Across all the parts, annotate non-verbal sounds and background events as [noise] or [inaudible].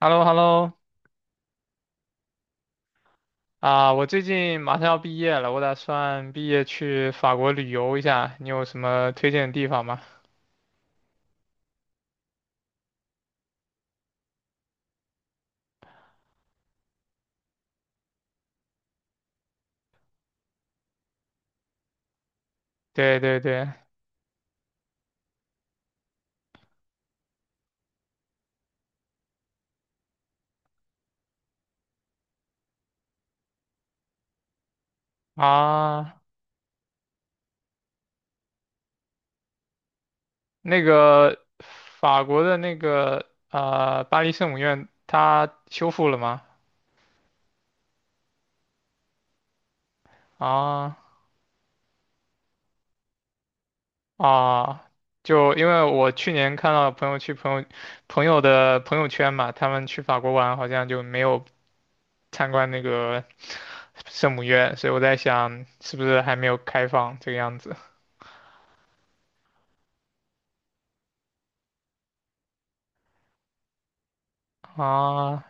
h e l l o h e l l o 啊，我最近马上要毕业了，我打算毕业去法国旅游一下，你有什么推荐的地方吗？对对对。啊，那个法国的那个巴黎圣母院，它修复了吗？啊。啊，就因为我去年看到朋友去朋友朋友的朋友圈嘛，他们去法国玩好像就没有参观那个圣母院，所以我在想是不是还没有开放这个样子。啊，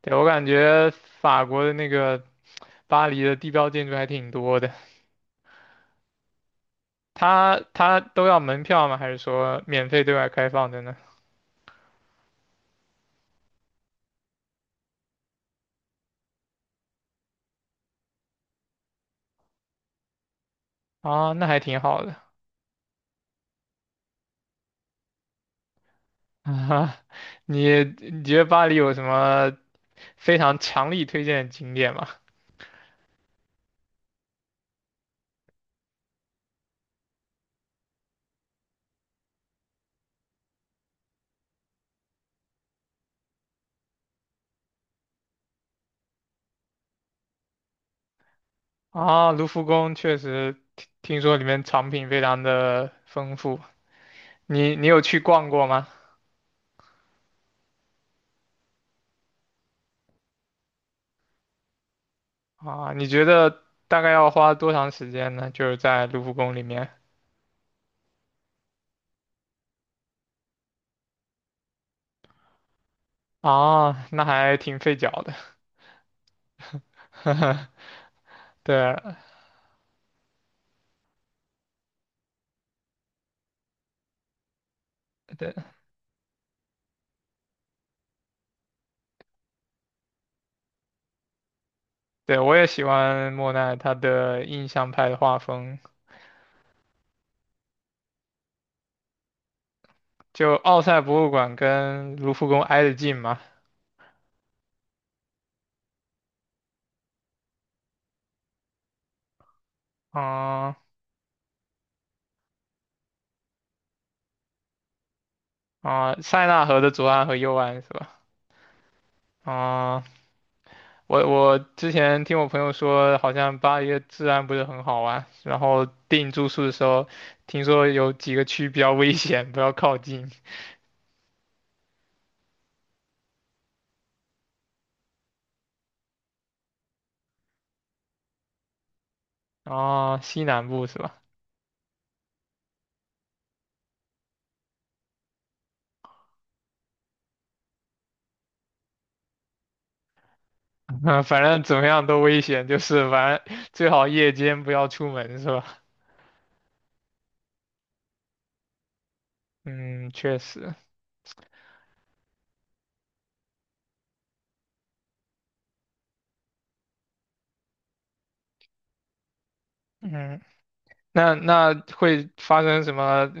对，我感觉法国的那个巴黎的地标建筑还挺多的。它都要门票吗？还是说免费对外开放的呢？啊，那还挺好的。[laughs] 啊，你觉得巴黎有什么非常强力推荐的景点吗？啊，卢浮宫确实听说里面藏品非常的丰富。你有去逛过吗？啊，你觉得大概要花多长时间呢？就是在卢浮宫里面。啊，那还挺费脚的。[laughs] 对啊，对对，我也喜欢莫奈他的印象派的画风。就奥赛博物馆跟卢浮宫挨得近嘛。啊。啊，塞纳河的左岸和右岸是吧？啊、我之前听我朋友说，好像巴黎的治安不是很好啊，然后订住宿的时候，听说有几个区比较危险，不要靠近。啊，西南部是吧？[laughs] 反正怎么样都危险，就是反正最好夜间不要出门是吧？嗯，确实。嗯，那那会发生什么？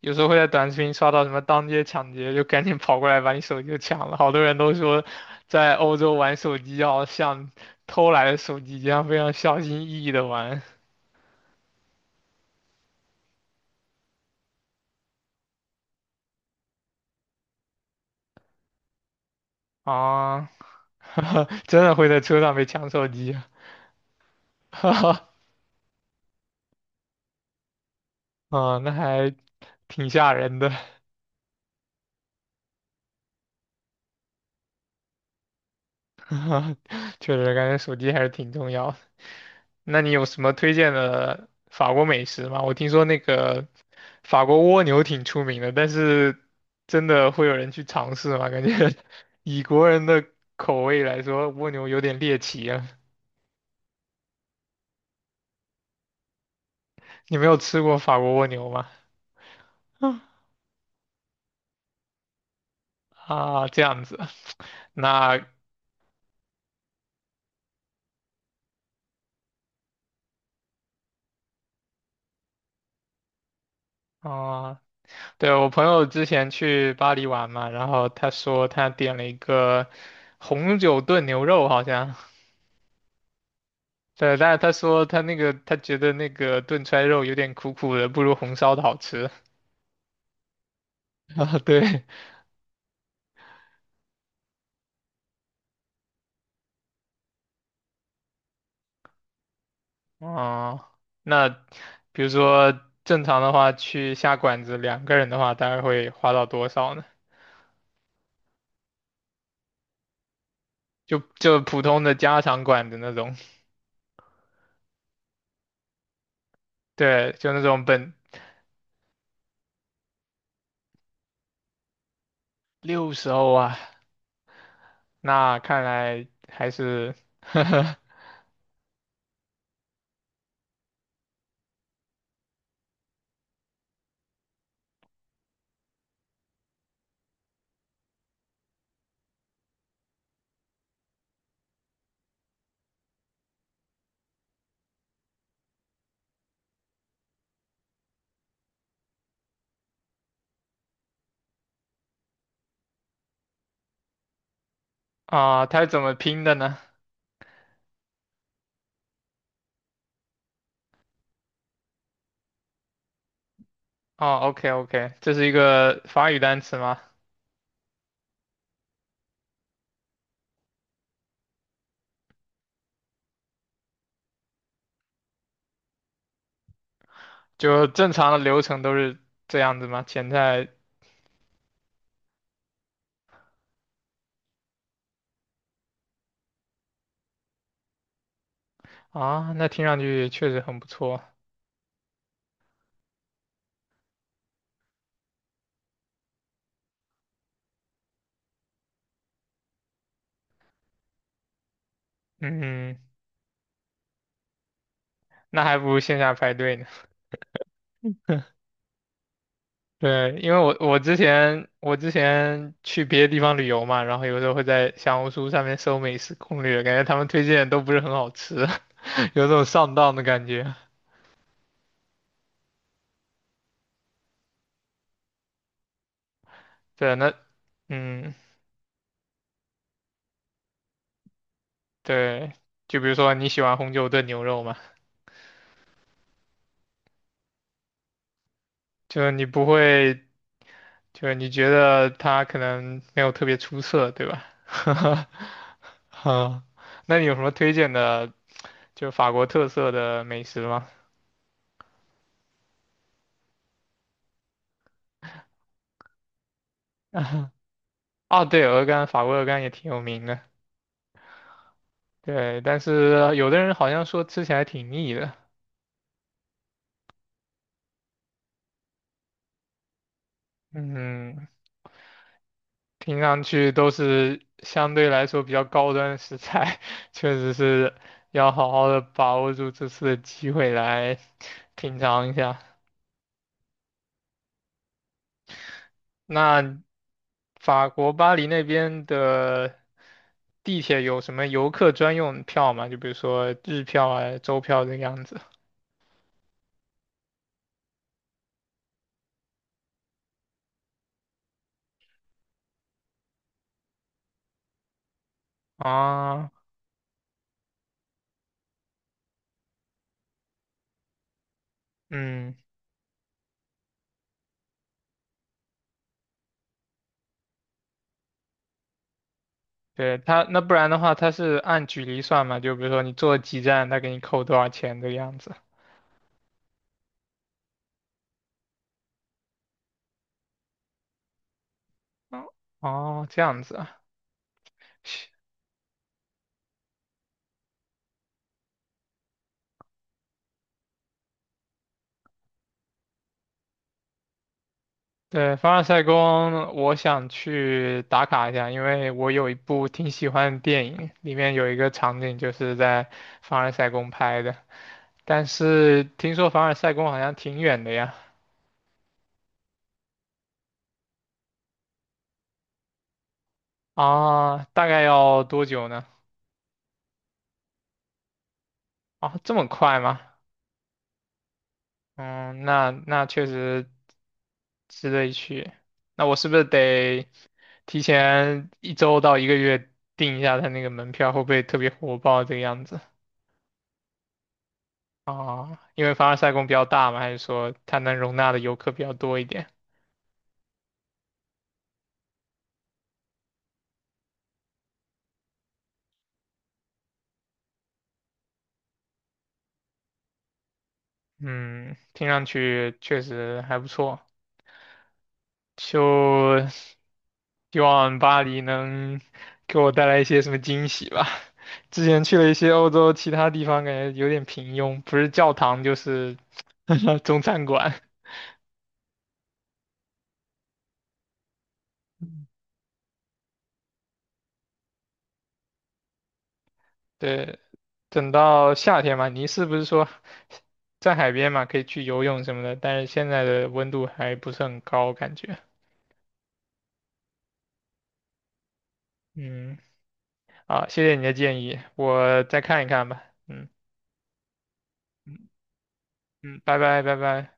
有时候会在短视频刷到什么当街抢劫，就赶紧跑过来把你手机就抢了。好多人都说，在欧洲玩手机要像偷来的手机一样，非常小心翼翼的玩。啊，[laughs] 真的会在车上被抢手机？[laughs] 哈。啊，那还挺吓人的。[laughs] 确实感觉手机还是挺重要的。那你有什么推荐的法国美食吗？我听说那个法国蜗牛挺出名的，但是真的会有人去尝试吗？感觉 [laughs] 以国人的口味来说，蜗牛有点猎奇啊。你没有吃过法国蜗牛吗？[laughs] 嗯。啊，这样子。那啊，对，我朋友之前去巴黎玩嘛，然后他说他点了一个红酒炖牛肉，好像对，但是他说他觉得那个炖出肉有点苦苦的，不如红烧的好吃 [laughs]。啊，对。哦，那比如说正常的话，去下馆子两个人的话，大概会花到多少呢？就普通的家常馆子那种。对，就那种本60欧啊，那看来还是 [laughs]，啊，他是怎么拼的呢？哦，OK OK,这是一个法语单词吗？就正常的流程都是这样子吗？前菜、啊，那听上去确实很不错。嗯，那还不如线下排队呢。对，因为我之前去别的地方旅游嘛，然后有时候会在小红书上面搜美食攻略，感觉他们推荐的都不是很好吃。[laughs] 有种上当的感觉。对，那嗯，对，就比如说你喜欢红酒炖牛肉嘛。就是你不会，就是你觉得它可能没有特别出色，对吧？[laughs] 哈，那你有什么推荐的就法国特色的美食嘛。啊，对，鹅肝，法国鹅肝也挺有名的。对，但是有的人好像说吃起来挺腻的。嗯，听上去都是相对来说比较高端的食材。[laughs] 确实是要好好的把握住这次的机会来品尝一下。那法国巴黎那边的地铁有什么游客专用票吗？就比如说日票啊、周票这个样子。啊，嗯。对他，那不然的话，他是按距离算嘛？就比如说你坐几站，他给你扣多少钱的样子。嗯。哦，这样子啊。对，凡尔赛宫，我想去打卡一下，因为我有一部挺喜欢的电影，里面有一个场景就是在凡尔赛宫拍的。但是听说凡尔赛宫好像挺远的呀。啊，大概要多久呢？啊，这么快吗？嗯，那那确实之类去。那我是不是得提前一周到一个月订一下他那个门票，会不会特别火爆这个样子？啊？因为凡尔赛宫比较大嘛，还是说它能容纳的游客比较多一点？嗯，听上去确实还不错，就希望巴黎能给我带来一些什么惊喜吧。之前去了一些欧洲其他地方，感觉有点平庸，不是教堂就是 [laughs] 中餐馆。对，等到夏天嘛，你是不是说在海边嘛，可以去游泳什么的？但是现在的温度还不是很高，感觉。嗯，好，谢谢你的建议，我再看一看吧。嗯。嗯，拜拜拜拜。